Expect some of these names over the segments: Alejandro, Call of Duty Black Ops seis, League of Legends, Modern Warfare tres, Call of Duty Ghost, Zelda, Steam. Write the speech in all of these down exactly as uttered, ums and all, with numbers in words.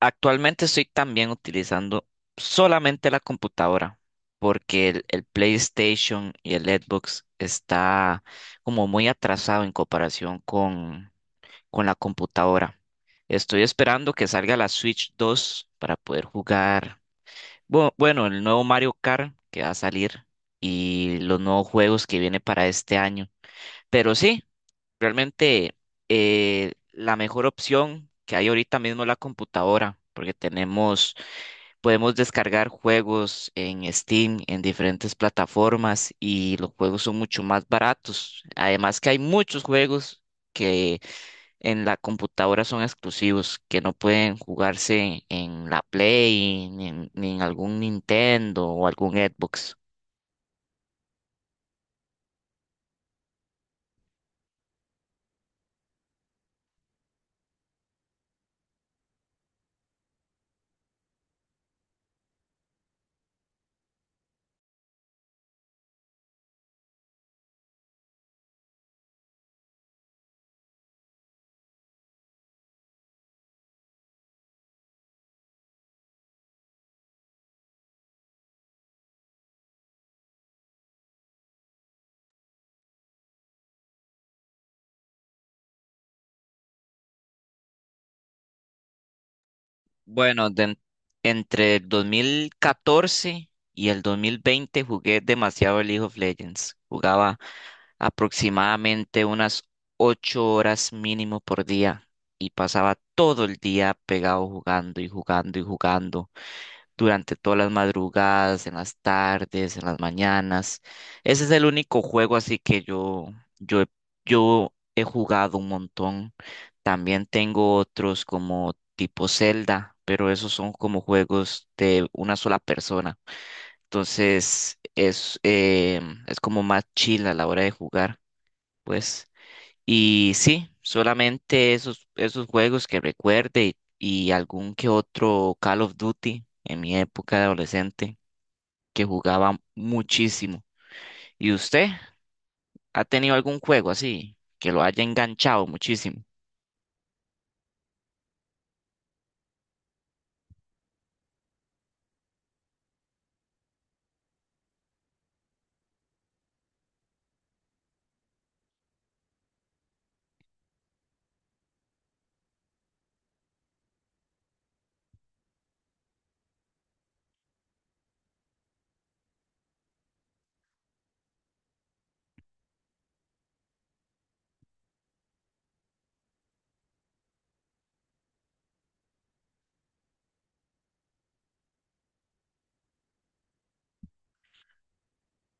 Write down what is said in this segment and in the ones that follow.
Actualmente estoy también utilizando solamente la computadora porque el, el PlayStation y el Xbox está como muy atrasado en comparación con, con la computadora. Estoy esperando que salga la Switch dos para poder jugar bu- bueno, el nuevo Mario Kart que va a salir y los nuevos juegos que viene para este año. Pero sí, realmente eh, la mejor opción que hay ahorita mismo es la computadora porque tenemos. Podemos descargar juegos en Steam, en diferentes plataformas y los juegos son mucho más baratos. Además que hay muchos juegos que en la computadora son exclusivos, que no pueden jugarse en la Play, ni en, ni en algún Nintendo o algún Xbox. Bueno, de- en- entre el dos mil catorce y el dos mil veinte jugué demasiado League of Legends. Jugaba aproximadamente unas ocho horas mínimo por día y pasaba todo el día pegado jugando y jugando y jugando durante todas las madrugadas, en las tardes, en las mañanas. Ese es el único juego así que yo, yo, he- yo he jugado un montón. También tengo otros como tipo Zelda, pero esos son como juegos de una sola persona. Entonces es, eh, es como más chill a la hora de jugar, pues. Y sí, solamente esos, esos juegos que recuerde y, y algún que otro Call of Duty en mi época de adolescente que jugaba muchísimo. ¿Y usted ha tenido algún juego así que lo haya enganchado muchísimo?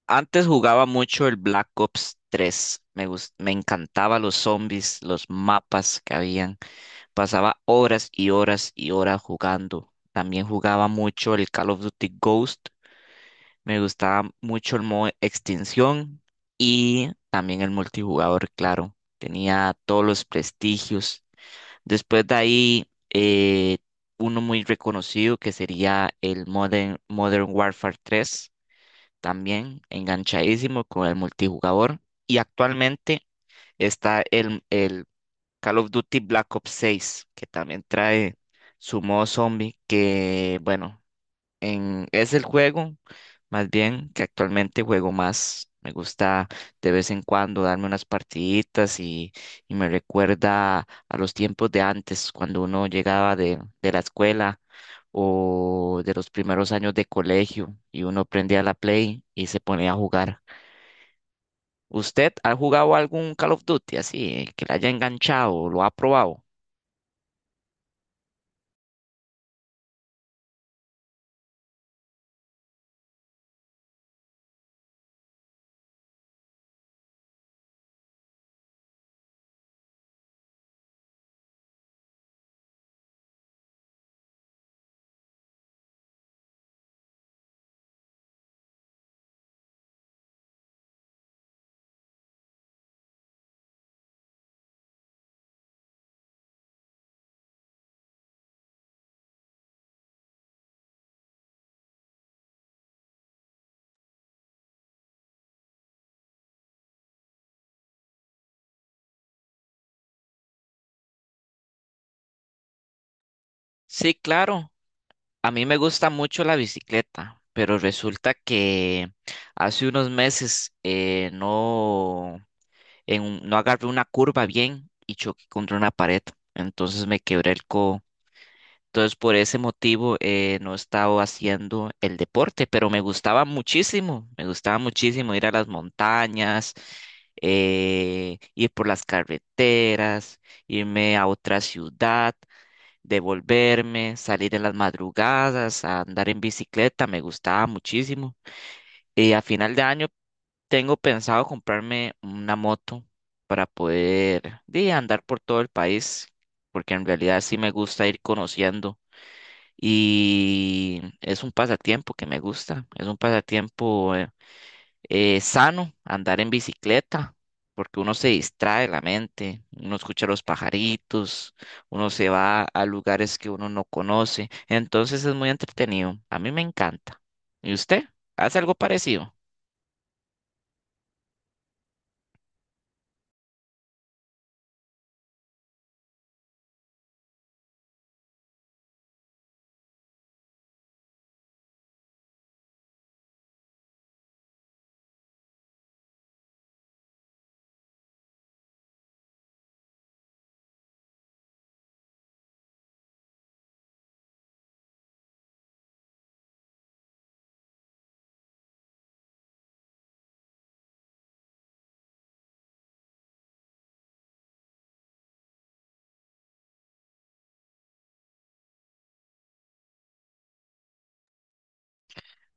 Antes jugaba mucho el Black Ops tres. Me gus- me encantaba los zombies, los mapas que habían. Pasaba horas y horas y horas jugando. También jugaba mucho el Call of Duty Ghost. Me gustaba mucho el modo extinción y también el multijugador, claro. Tenía todos los prestigios. Después de ahí, eh, uno muy reconocido que sería el Modern, Modern Warfare tres, también enganchadísimo con el multijugador. Y actualmente está el, el Call of Duty Black Ops seis, que también trae su modo zombie, que bueno, en, es el juego, más bien, que actualmente juego más. Me gusta de vez en cuando darme unas partiditas y, y me recuerda a los tiempos de antes, cuando uno llegaba de, de la escuela o de los primeros años de colegio y uno prendía la Play y se ponía a jugar. ¿Usted ha jugado algún Call of Duty así, que le haya enganchado o lo ha probado? Sí, claro. A mí me gusta mucho la bicicleta, pero resulta que hace unos meses eh, no, en un- no agarré una curva bien y choqué contra una pared, entonces me quebré el codo. Entonces por ese motivo eh, no he estado haciendo el deporte, pero me gustaba muchísimo, me gustaba muchísimo ir a las montañas, eh, ir por las carreteras, irme a otra ciudad, devolverme, salir en las madrugadas, a andar en bicicleta, me gustaba muchísimo. Y a final de año tengo pensado comprarme una moto para poder de, andar por todo el país, porque en realidad sí me gusta ir conociendo, y es un pasatiempo que me gusta, es un pasatiempo eh, eh, sano andar en bicicleta, porque uno se distrae la mente, uno escucha los pajaritos, uno se va a lugares que uno no conoce, entonces es muy entretenido, a mí me encanta. ¿Y usted? ¿Hace algo parecido?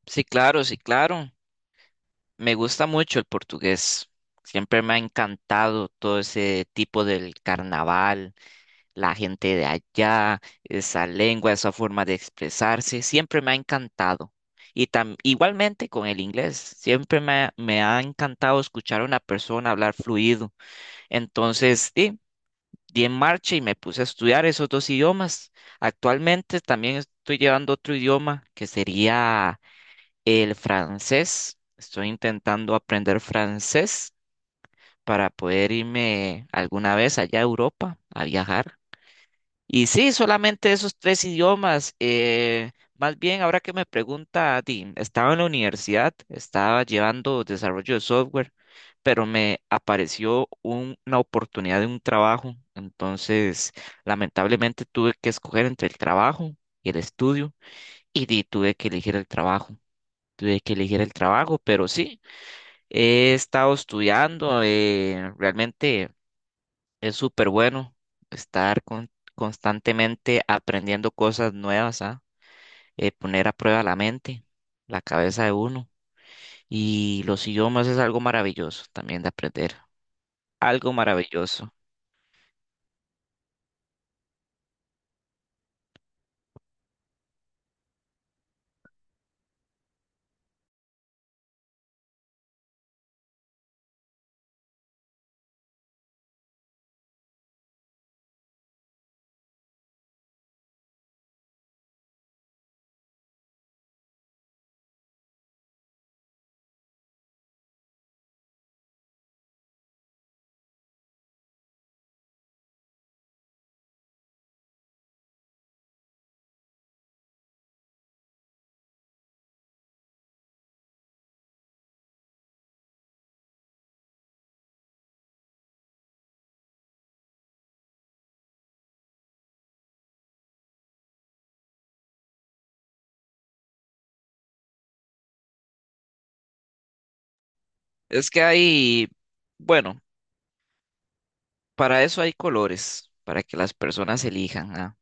Sí, claro, sí, claro. Me gusta mucho el portugués. Siempre me ha encantado todo ese tipo del carnaval, la gente de allá, esa lengua, esa forma de expresarse, siempre me ha encantado. Y tam- igualmente con el inglés, siempre me, ha me ha encantado escuchar a una persona hablar fluido. Entonces, sí, di en marcha y me puse a estudiar esos dos idiomas. Actualmente también estoy llevando otro idioma que sería el francés. Estoy intentando aprender francés para poder irme alguna vez allá a Europa a viajar. Y sí, solamente esos tres idiomas. Eh, más bien, ahora que me pregunta, di, estaba en la universidad, estaba llevando desarrollo de software, pero me apareció un- una oportunidad de un trabajo. Entonces, lamentablemente tuve que escoger entre el trabajo y el estudio, y di, tuve que elegir el trabajo. Tuve que elegir el trabajo, pero sí, he estado estudiando, eh, realmente. Es súper bueno estar con- constantemente aprendiendo cosas nuevas, ¿ah? Eh, poner a prueba la mente, la cabeza de uno. Y los idiomas es algo maravilloso también de aprender. Algo maravilloso. Es que hay, bueno, para eso hay colores, para que las personas elijan, ¿ah?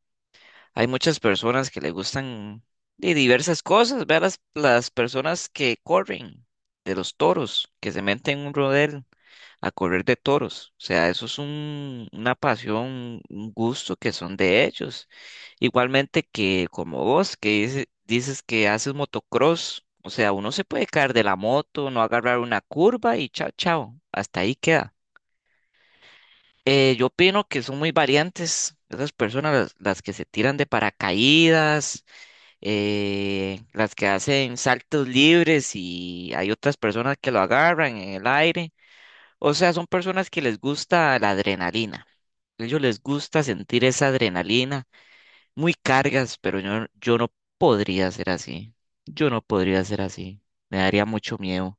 Hay muchas personas que le gustan de diversas cosas. Vean las, las personas que corren de los toros, que se meten en un rodeo, a correr de toros. O sea, eso es un, una pasión, un gusto que son de ellos. Igualmente que como vos, que dice- dices que haces motocross. O sea, uno se puede caer de la moto, no agarrar una curva y chao, chao. Hasta ahí queda. Eh, yo opino que son muy variantes esas personas, las, las que se tiran de paracaídas, eh, las que hacen saltos libres, y hay otras personas que lo agarran en el aire. O sea, son personas que les gusta la adrenalina. Ellos les gusta sentir esa adrenalina, muy cargas, pero yo, yo no podría ser así. Yo no podría ser así. Me daría mucho miedo.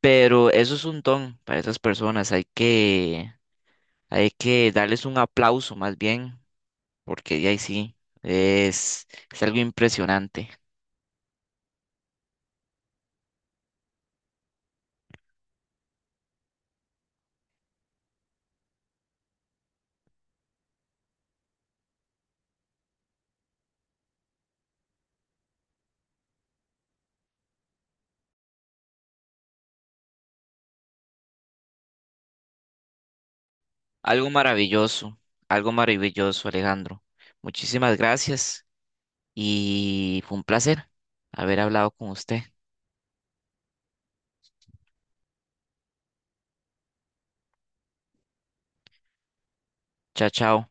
Pero eso es un don para esas personas. Hay que, hay que darles un aplauso más bien, porque ya ahí sí, es, es algo impresionante, algo maravilloso, algo maravilloso, Alejandro. Muchísimas gracias. Y fue un placer haber hablado con usted. Chao, chao.